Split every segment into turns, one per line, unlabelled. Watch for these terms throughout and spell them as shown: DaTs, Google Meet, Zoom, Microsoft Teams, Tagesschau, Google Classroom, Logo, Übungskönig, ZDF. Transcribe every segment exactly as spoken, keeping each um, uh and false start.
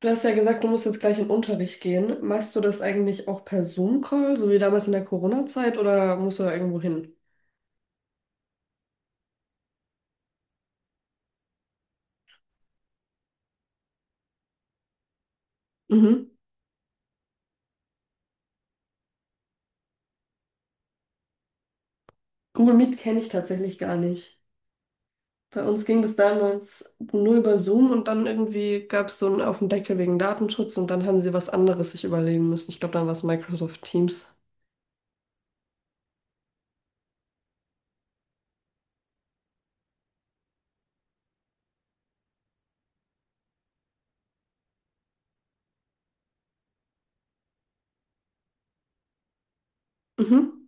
Du hast ja gesagt, du musst jetzt gleich in den Unterricht gehen. Machst du das eigentlich auch per Zoom-Call, so wie damals in der Corona-Zeit, oder musst du da irgendwo hin? Mhm. Google Meet kenne ich tatsächlich gar nicht. Bei uns ging das damals nur über Zoom und dann irgendwie gab es so einen auf den Deckel wegen Datenschutz und dann haben sie was anderes sich überlegen müssen. Ich glaube, dann war es Microsoft Teams. Mhm.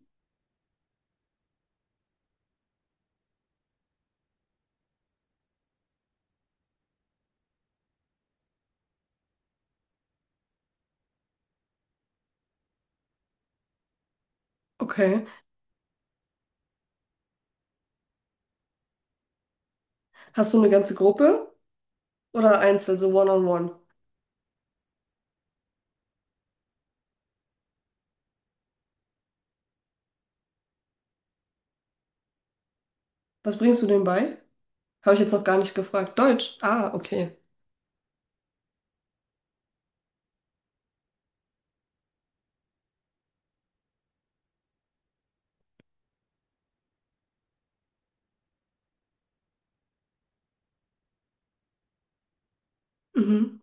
Okay. Hast du eine ganze Gruppe oder einzeln, so One-on-One? Was bringst du denen bei? Habe ich jetzt noch gar nicht gefragt. Deutsch. Ah, okay. Mhm.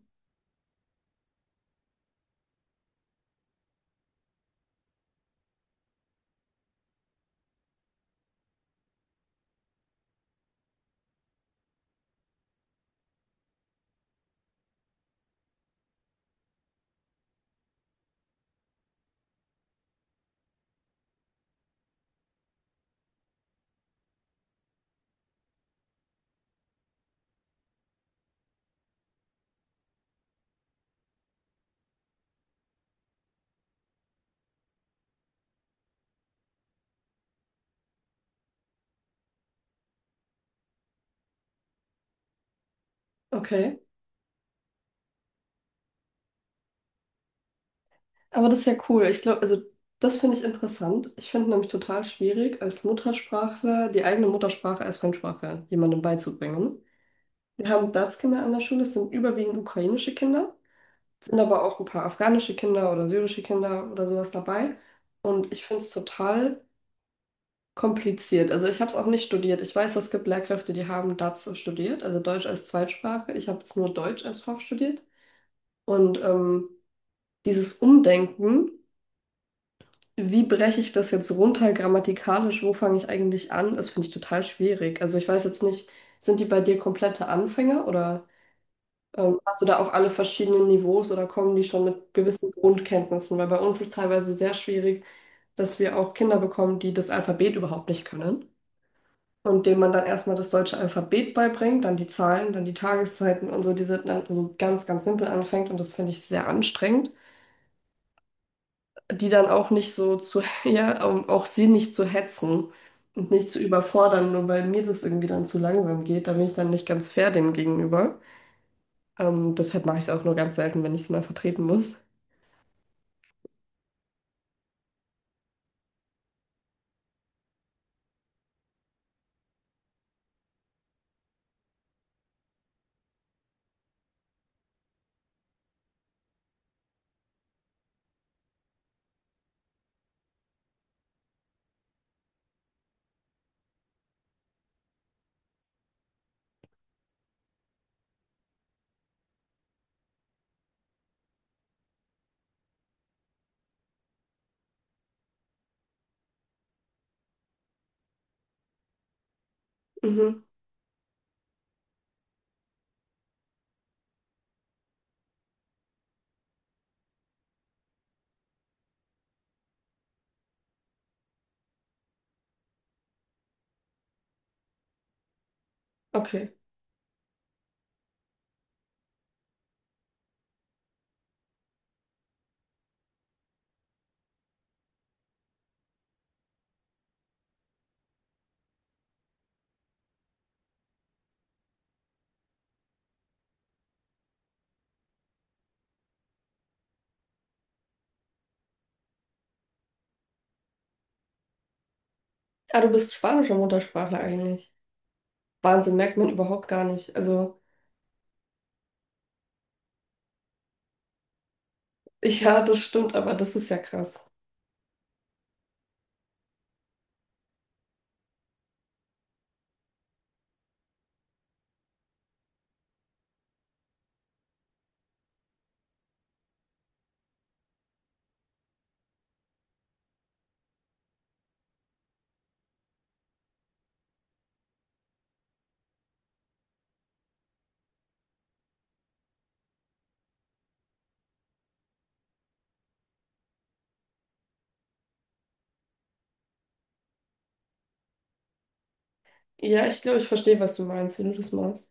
Okay. Aber das ist ja cool. Ich glaube, also das finde ich interessant. Ich finde nämlich total schwierig, als Muttersprachler die eigene Muttersprache als Fremdsprache jemandem beizubringen. Wir haben DaTs-Kinder an der Schule, es sind überwiegend ukrainische Kinder, sind aber auch ein paar afghanische Kinder oder syrische Kinder oder sowas dabei. Und ich finde es total kompliziert. Also ich habe es auch nicht studiert. Ich weiß, es gibt Lehrkräfte, die haben DaTs studiert, also Deutsch als Zweitsprache. Ich habe es nur Deutsch als Fach studiert. Und ähm, dieses Umdenken. Wie breche ich das jetzt runter grammatikalisch? Wo fange ich eigentlich an? Das finde ich total schwierig. Also ich weiß jetzt nicht, sind die bei dir komplette Anfänger oder ähm, hast du da auch alle verschiedenen Niveaus oder kommen die schon mit gewissen Grundkenntnissen? Weil bei uns ist teilweise sehr schwierig, dass wir auch Kinder bekommen, die das Alphabet überhaupt nicht können und denen man dann erstmal das deutsche Alphabet beibringt, dann die Zahlen, dann die Tageszeiten und so, die sind dann so ganz, ganz simpel anfängt und das finde ich sehr anstrengend. Die dann auch nicht so zu, ja, um auch sie nicht zu hetzen und nicht zu überfordern, nur weil mir das irgendwie dann zu langsam geht. Da bin ich dann nicht ganz fair denen gegenüber. Ähm, deshalb mache ich es auch nur ganz selten, wenn ich es mal vertreten muss. Mhm, okay. Ah, du bist spanischer Muttersprachler eigentlich. Wahnsinn, merkt man überhaupt gar nicht. Also, ja, das stimmt, aber das ist ja krass. Ja, ich glaube, ich verstehe, was du meinst, wenn du das machst.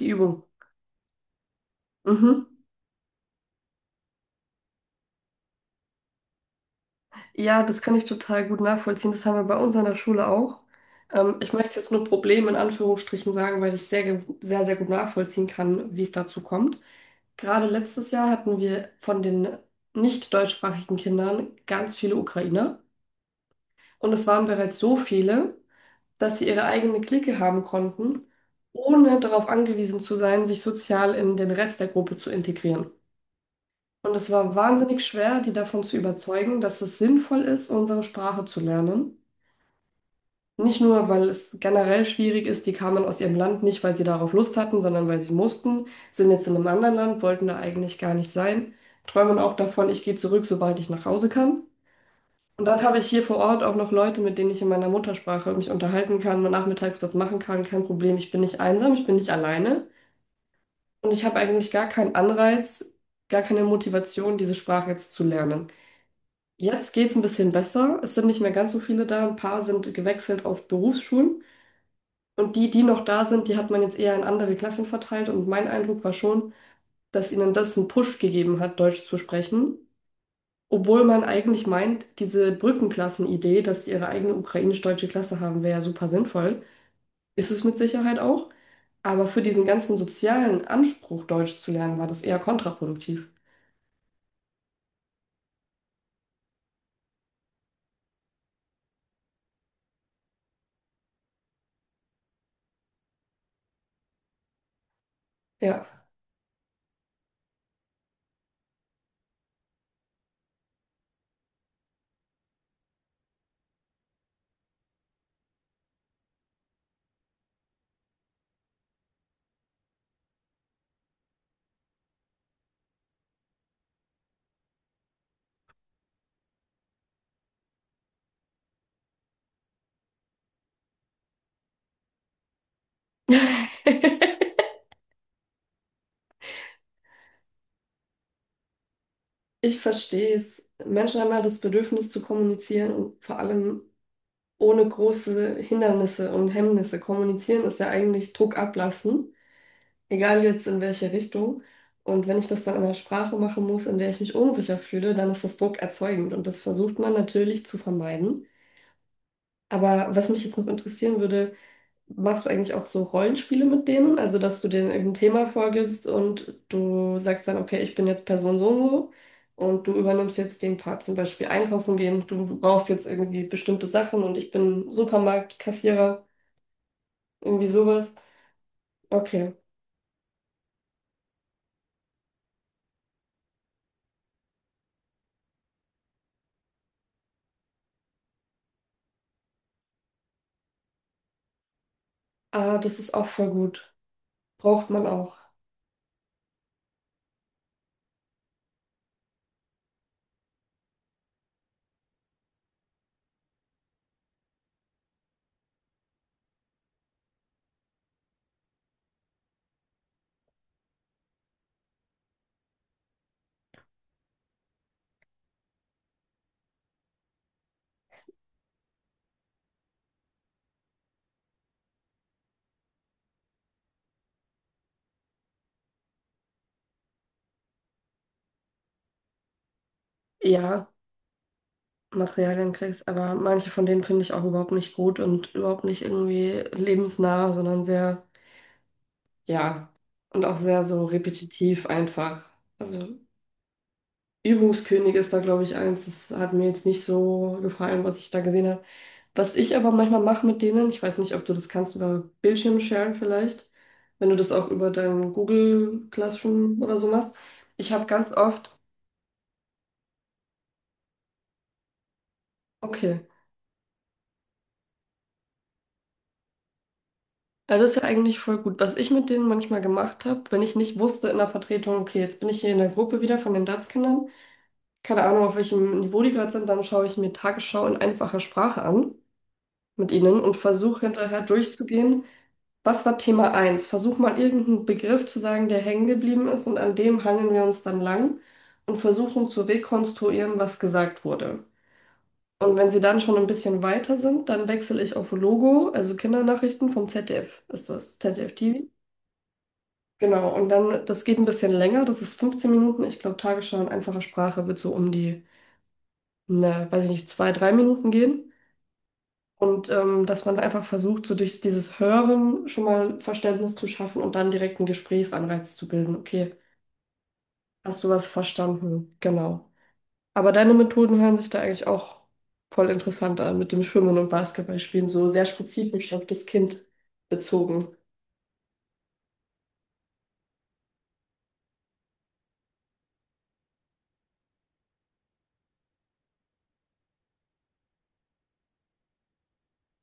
Die Übung. Mhm. Ja, das kann ich total gut nachvollziehen. Das haben wir bei uns an der Schule auch. Ähm, ich möchte jetzt nur Problem in Anführungsstrichen sagen, weil ich sehr, ge- sehr, sehr gut nachvollziehen kann, wie es dazu kommt. Gerade letztes Jahr hatten wir von den nicht deutschsprachigen Kindern ganz viele Ukrainer. Und es waren bereits so viele, dass sie ihre eigene Clique haben konnten, ohne darauf angewiesen zu sein, sich sozial in den Rest der Gruppe zu integrieren. Und es war wahnsinnig schwer, die davon zu überzeugen, dass es sinnvoll ist, unsere Sprache zu lernen. Nicht nur, weil es generell schwierig ist, die kamen aus ihrem Land nicht, weil sie darauf Lust hatten, sondern weil sie mussten, sind jetzt in einem anderen Land, wollten da eigentlich gar nicht sein, träumen auch davon, ich gehe zurück, sobald ich nach Hause kann. Und dann habe ich hier vor Ort auch noch Leute, mit denen ich in meiner Muttersprache mich unterhalten kann, mal nachmittags was machen kann, kein Problem, ich bin nicht einsam, ich bin nicht alleine. Und ich habe eigentlich gar keinen Anreiz, gar keine Motivation, diese Sprache jetzt zu lernen. Jetzt geht es ein bisschen besser, es sind nicht mehr ganz so viele da, ein paar sind gewechselt auf Berufsschulen. Und die, die noch da sind, die hat man jetzt eher in andere Klassen verteilt. Und mein Eindruck war schon, dass ihnen das einen Push gegeben hat, Deutsch zu sprechen. Obwohl man eigentlich meint, diese Brückenklassen-Idee, dass sie ihre eigene ukrainisch-deutsche Klasse haben, wäre ja super sinnvoll. Ist es mit Sicherheit auch. Aber für diesen ganzen sozialen Anspruch, Deutsch zu lernen, war das eher kontraproduktiv. Ja. Ich verstehe es. Menschen haben ja das Bedürfnis zu kommunizieren und vor allem ohne große Hindernisse und Hemmnisse. Kommunizieren ist ja eigentlich Druck ablassen, egal jetzt in welche Richtung. Und wenn ich das dann in einer Sprache machen muss, in der ich mich unsicher fühle, dann ist das Druck erzeugend und das versucht man natürlich zu vermeiden. Aber was mich jetzt noch interessieren würde, machst du eigentlich auch so Rollenspiele mit denen? Also, dass du denen irgendein Thema vorgibst und du sagst dann, okay, ich bin jetzt Person so und so und du übernimmst jetzt den Part, zum Beispiel einkaufen gehen, du brauchst jetzt irgendwie bestimmte Sachen und ich bin Supermarktkassierer. Irgendwie sowas. Okay. Ah, das ist auch voll gut. Braucht man auch. Ja, Materialienkreis, aber manche von denen finde ich auch überhaupt nicht gut und überhaupt nicht irgendwie lebensnah, sondern sehr, ja, und auch sehr so repetitiv einfach. Also Übungskönig ist da, glaube ich, eins. Das hat mir jetzt nicht so gefallen, was ich da gesehen habe. Was ich aber manchmal mache mit denen, ich weiß nicht, ob du das kannst über Bildschirm sharen vielleicht, wenn du das auch über dein Google Classroom oder so machst. Ich habe ganz oft. Okay. Ja, das ist ja eigentlich voll gut. Was ich mit denen manchmal gemacht habe, wenn ich nicht wusste in der Vertretung, okay, jetzt bin ich hier in der Gruppe wieder von den D A T S-Kindern, keine Ahnung, auf welchem Niveau die gerade sind, dann schaue ich mir Tagesschau in einfacher Sprache an mit ihnen und versuche hinterher durchzugehen, was war Thema eins? Versuch mal irgendeinen Begriff zu sagen, der hängen geblieben ist und an dem hangeln wir uns dann lang und versuchen zu rekonstruieren, was gesagt wurde. Und wenn sie dann schon ein bisschen weiter sind, dann wechsle ich auf Logo, also Kindernachrichten vom Z D F ist das, Z D F T V. Genau, und dann, das geht ein bisschen länger, das ist fünfzehn Minuten. Ich glaube, Tagesschau in einfacher Sprache wird so um die, ne, weiß ich nicht, zwei, drei Minuten gehen. Und ähm, dass man einfach versucht, so durch dieses Hören schon mal Verständnis zu schaffen und dann direkt einen Gesprächsanreiz zu bilden. Okay, hast du was verstanden? Genau. Aber deine Methoden hören sich da eigentlich auch voll interessant an mit dem Schwimmen und Basketballspielen, so sehr spezifisch auf das Kind bezogen.